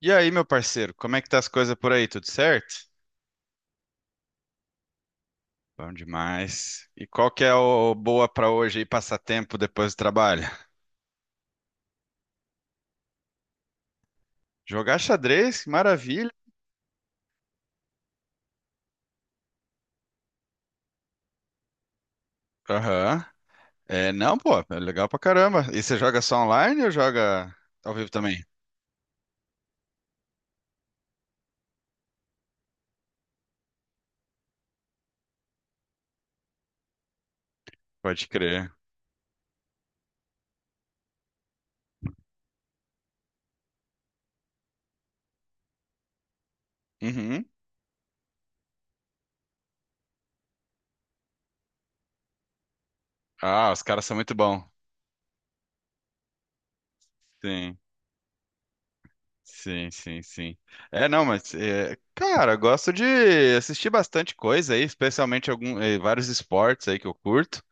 E aí, meu parceiro, como é que tá as coisas por aí? Tudo certo? Bom demais. E qual que é o boa pra hoje aí, passatempo depois do trabalho? Jogar xadrez, que maravilha. Aham. É, não, pô, é legal pra caramba. E você joga só online ou joga ao vivo também? Pode crer. Uhum. Ah, os caras são muito bons. Sim, sim, sim, sim. É, não, mas, é, cara, eu gosto de assistir bastante coisa aí, especialmente algum, vários esportes aí que eu curto.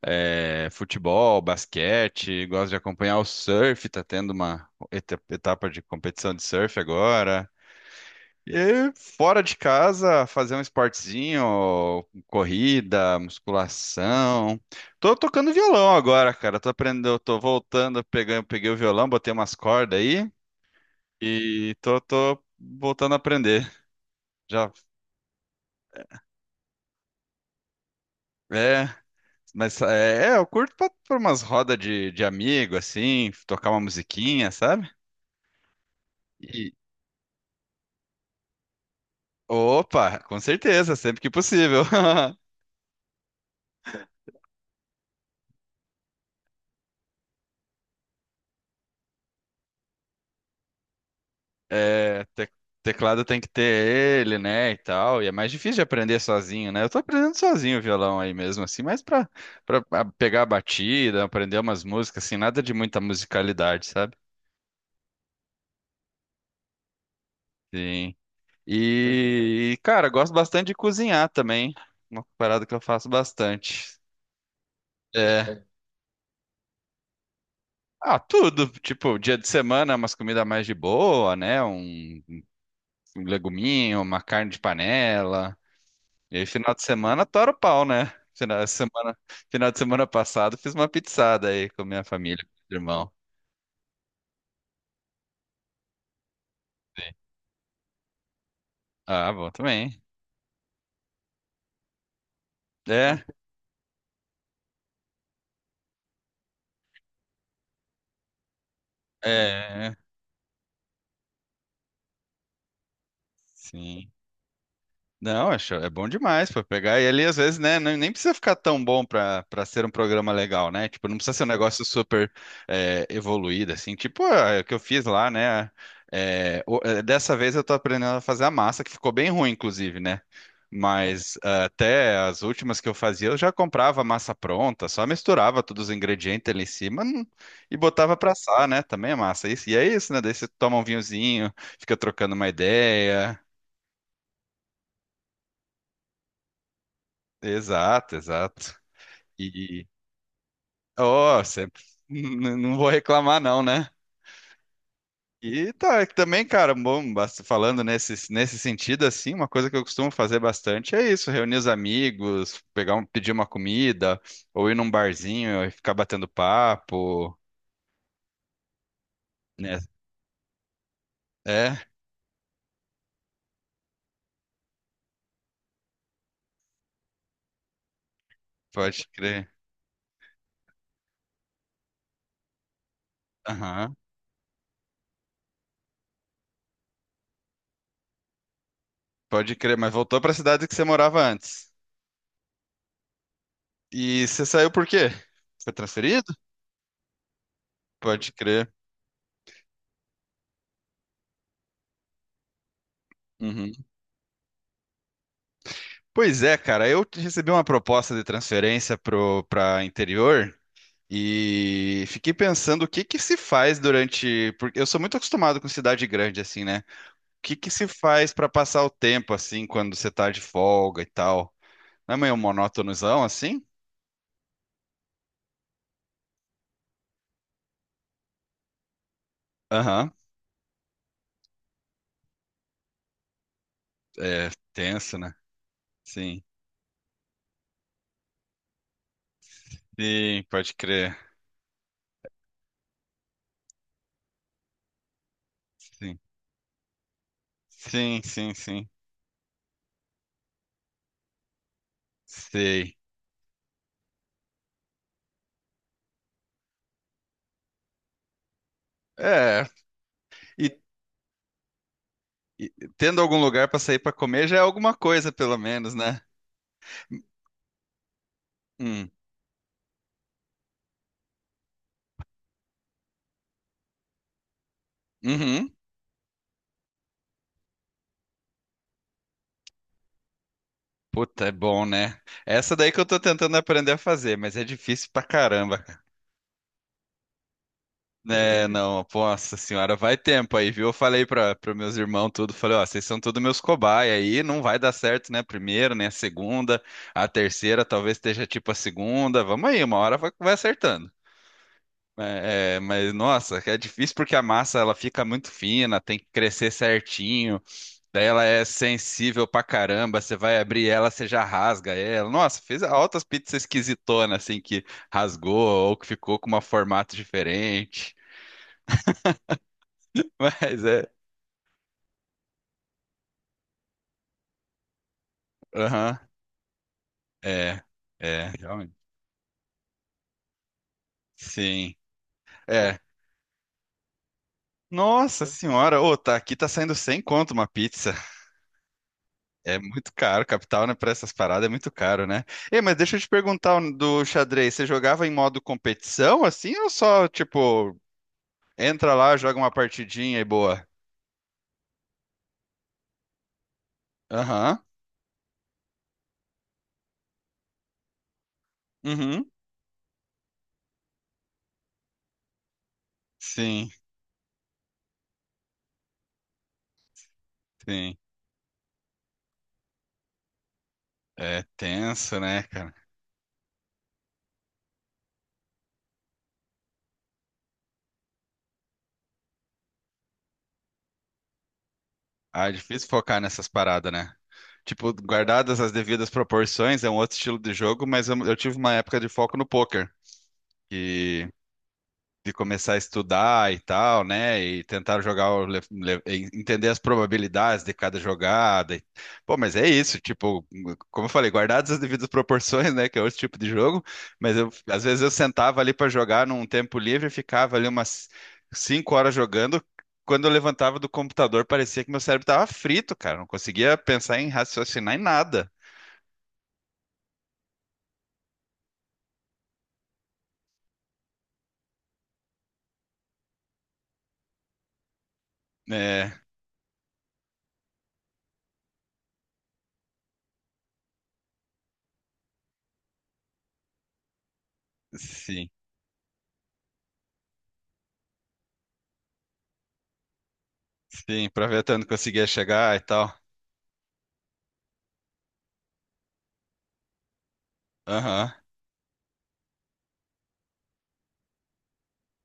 É, futebol, basquete, gosto de acompanhar o surf, tá tendo uma etapa de competição de surf agora. E fora de casa, fazer um esportezinho, corrida, musculação. Tô tocando violão agora, cara. Tô aprendendo, tô voltando, pegando, peguei o violão, botei umas cordas aí e tô voltando a aprender. Já é, mas é, eu curto pra, pra umas rodas de amigo, assim, tocar uma musiquinha, sabe? Opa, com certeza, sempre que possível. É, teclado tem que ter ele, né, e tal. E é mais difícil de aprender sozinho, né? Eu tô aprendendo sozinho o violão aí mesmo, assim, mas pra pegar a batida, aprender umas músicas, assim, nada de muita musicalidade, sabe? Sim. E, cara, gosto bastante de cozinhar também. Uma parada que eu faço bastante. É. Ah, tudo. Tipo, dia de semana, umas comidas mais de boa, né? Um leguminho, uma carne de panela. E aí, final de semana, tora o pau, né? Final de semana, final de semana passado, fiz uma pizzada aí com minha família, com meu irmão. Ah, bom também. É, é, sim. Não, acho, é bom demais para pegar. E ali, às vezes, né, nem precisa ficar tão bom para ser um programa legal, né? Tipo, não precisa ser um negócio super evoluído, assim. Tipo, ah, é o que eu fiz lá, né? É, dessa vez eu tô aprendendo a fazer a massa, que ficou bem ruim, inclusive, né? Mas até as últimas que eu fazia, eu já comprava a massa pronta, só misturava todos os ingredientes ali em cima, e botava pra assar, né? Também a massa. Isso, e é isso, né? Daí você toma um vinhozinho, fica trocando uma ideia. Exato, exato. E, ó, não vou reclamar não, né? E tá, também, cara, bom, falando nesse sentido, assim, uma coisa que eu costumo fazer bastante é isso, reunir os amigos, pegar um, pedir uma comida, ou ir num barzinho e ficar batendo papo, né? É, pode crer. Aham, pode crer, mas voltou pra cidade que você morava antes. E você saiu por quê? Foi transferido? Pode crer. Uhum. Pois é, cara, eu recebi uma proposta de transferência pro para interior e fiquei pensando o que que se faz durante, porque eu sou muito acostumado com cidade grande assim, né? O que que se faz para passar o tempo assim quando você tá de folga e tal? Não é meio monótonozão assim? Aham. É tenso, né? Sim. Sim, pode crer. Sim. Sim, sim, sim. Sei. É, e, e tendo algum lugar para sair para comer já é alguma coisa pelo menos, né? Hum. Uhum. Puta, é bom, né? Essa daí que eu tô tentando aprender a fazer, mas é difícil pra caramba, cara. É, não, nossa senhora, vai tempo aí, viu? Eu falei pra meus irmãos tudo, falei, ó, vocês são todos meus cobaia aí, não vai dar certo, né? A primeira, né? A segunda, a terceira, talvez esteja tipo a segunda, vamos aí, uma hora vai acertando. É, mas, nossa, é difícil porque a massa, ela fica muito fina, tem que crescer certinho. Daí ela é sensível pra caramba, você vai abrir ela, você já rasga ela. Nossa, fez altas pizzas esquisitonas, assim, que rasgou ou que ficou com um formato diferente. Mas é, aham, é, é, realmente. Sim, é. Nossa senhora, ô, tá aqui tá saindo 100 conto uma pizza. É muito caro, capital, né, pra essas paradas é muito caro, né? Ei, mas deixa eu te perguntar um do xadrez, você jogava em modo competição, assim, ou só, tipo, entra lá, joga uma partidinha e boa? Aham. Uhum. Sim, sim. É tenso, né, cara? Ah, é difícil focar nessas paradas, né? Tipo, guardadas as devidas proporções, é um outro estilo de jogo, mas eu tive uma época de foco no poker. De começar a estudar e tal, né? E tentar jogar, e entender as probabilidades de cada jogada. Pô, mas é isso, tipo, como eu falei, guardadas as devidas proporções, né? Que é outro tipo de jogo, mas às vezes eu sentava ali para jogar num tempo livre e ficava ali umas 5 horas jogando. Quando eu levantava do computador, parecia que meu cérebro estava frito, cara. Não conseguia pensar em raciocinar em nada. É, sim, sim, pra ver até onde conseguia chegar e tal. Aham.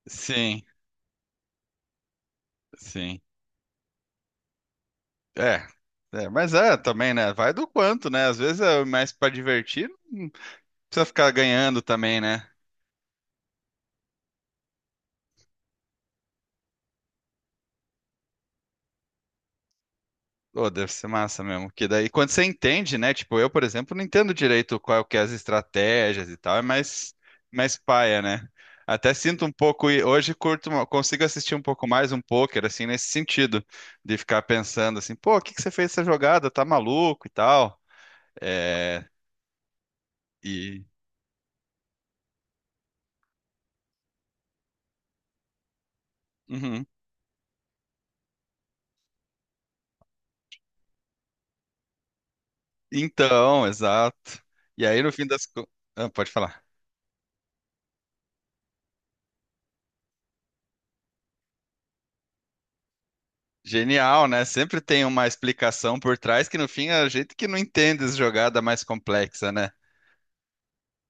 Sim, sim. É, é, mas é também, né? Vai do quanto, né? Às vezes é mais pra divertir, não precisa ficar ganhando também, né? Pô, deve ser massa mesmo. Que daí, quando você entende, né? Tipo, eu, por exemplo, não entendo direito qual que é as estratégias e tal, é mais paia, né? Até sinto um pouco, e hoje curto, consigo assistir um pouco mais um poker, assim, nesse sentido, de ficar pensando assim, pô, o que que você fez essa jogada? Tá maluco e tal. É, e. uhum. Então, exato. E aí, no fim das... co- ah, pode falar. Genial, né? Sempre tem uma explicação por trás que, no fim, é a gente que não entende essa jogada mais complexa, né?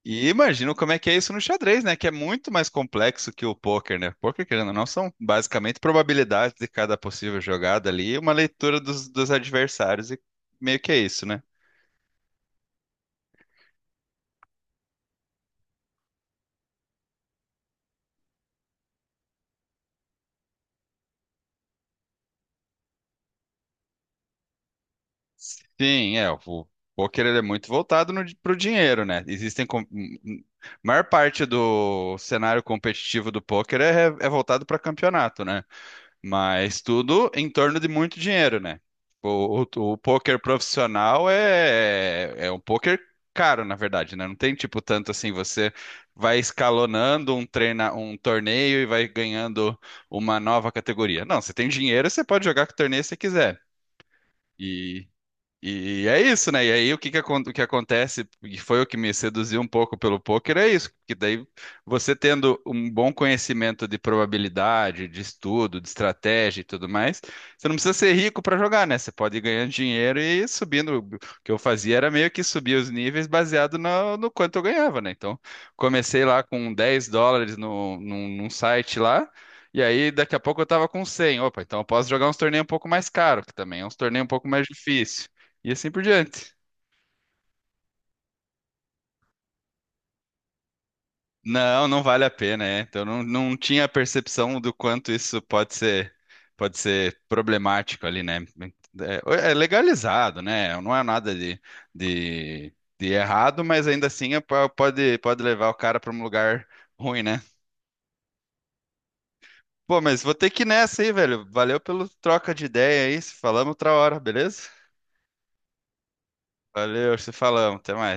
E imagino como é que é isso no xadrez, né? Que é muito mais complexo que o poker, né? Poker, querendo ou não, são basicamente probabilidades de cada possível jogada ali e uma leitura dos adversários. E meio que é isso, né? Sim, é, o poker ele é muito voltado no, pro dinheiro, né? Existem maior parte do cenário competitivo do poker é voltado para campeonato, né? Mas tudo em torno de muito dinheiro, né? O poker profissional é um poker caro, na verdade, né? Não tem tipo tanto assim, você vai escalonando um treina, um torneio e vai ganhando uma nova categoria. Não, você tem dinheiro, você pode jogar que torneio você quiser. E é isso, né? E aí o que acontece, e foi o que me seduziu um pouco pelo poker, é isso, que daí você tendo um bom conhecimento de probabilidade, de estudo, de estratégia e tudo mais, você não precisa ser rico para jogar, né? Você pode ir ganhando dinheiro e ir subindo. O que eu fazia era meio que subir os níveis baseado no quanto eu ganhava, né? Então, comecei lá com US$ 10 no, num, num site lá, e aí daqui a pouco eu tava com 100, opa, então eu posso jogar uns torneios um pouco mais caros, que também é uns torneios um pouco mais difíceis. E assim por diante. Não, não vale a pena, é. Então não, não tinha a percepção do quanto isso pode ser problemático ali, né? É, é legalizado, né? Não é nada de errado, mas ainda assim é pode levar o cara para um lugar ruim, né? Pô, mas vou ter que ir nessa aí, velho. Valeu pelo troca de ideia aí. Se falamos outra hora, beleza? Valeu, se falamos. Até mais.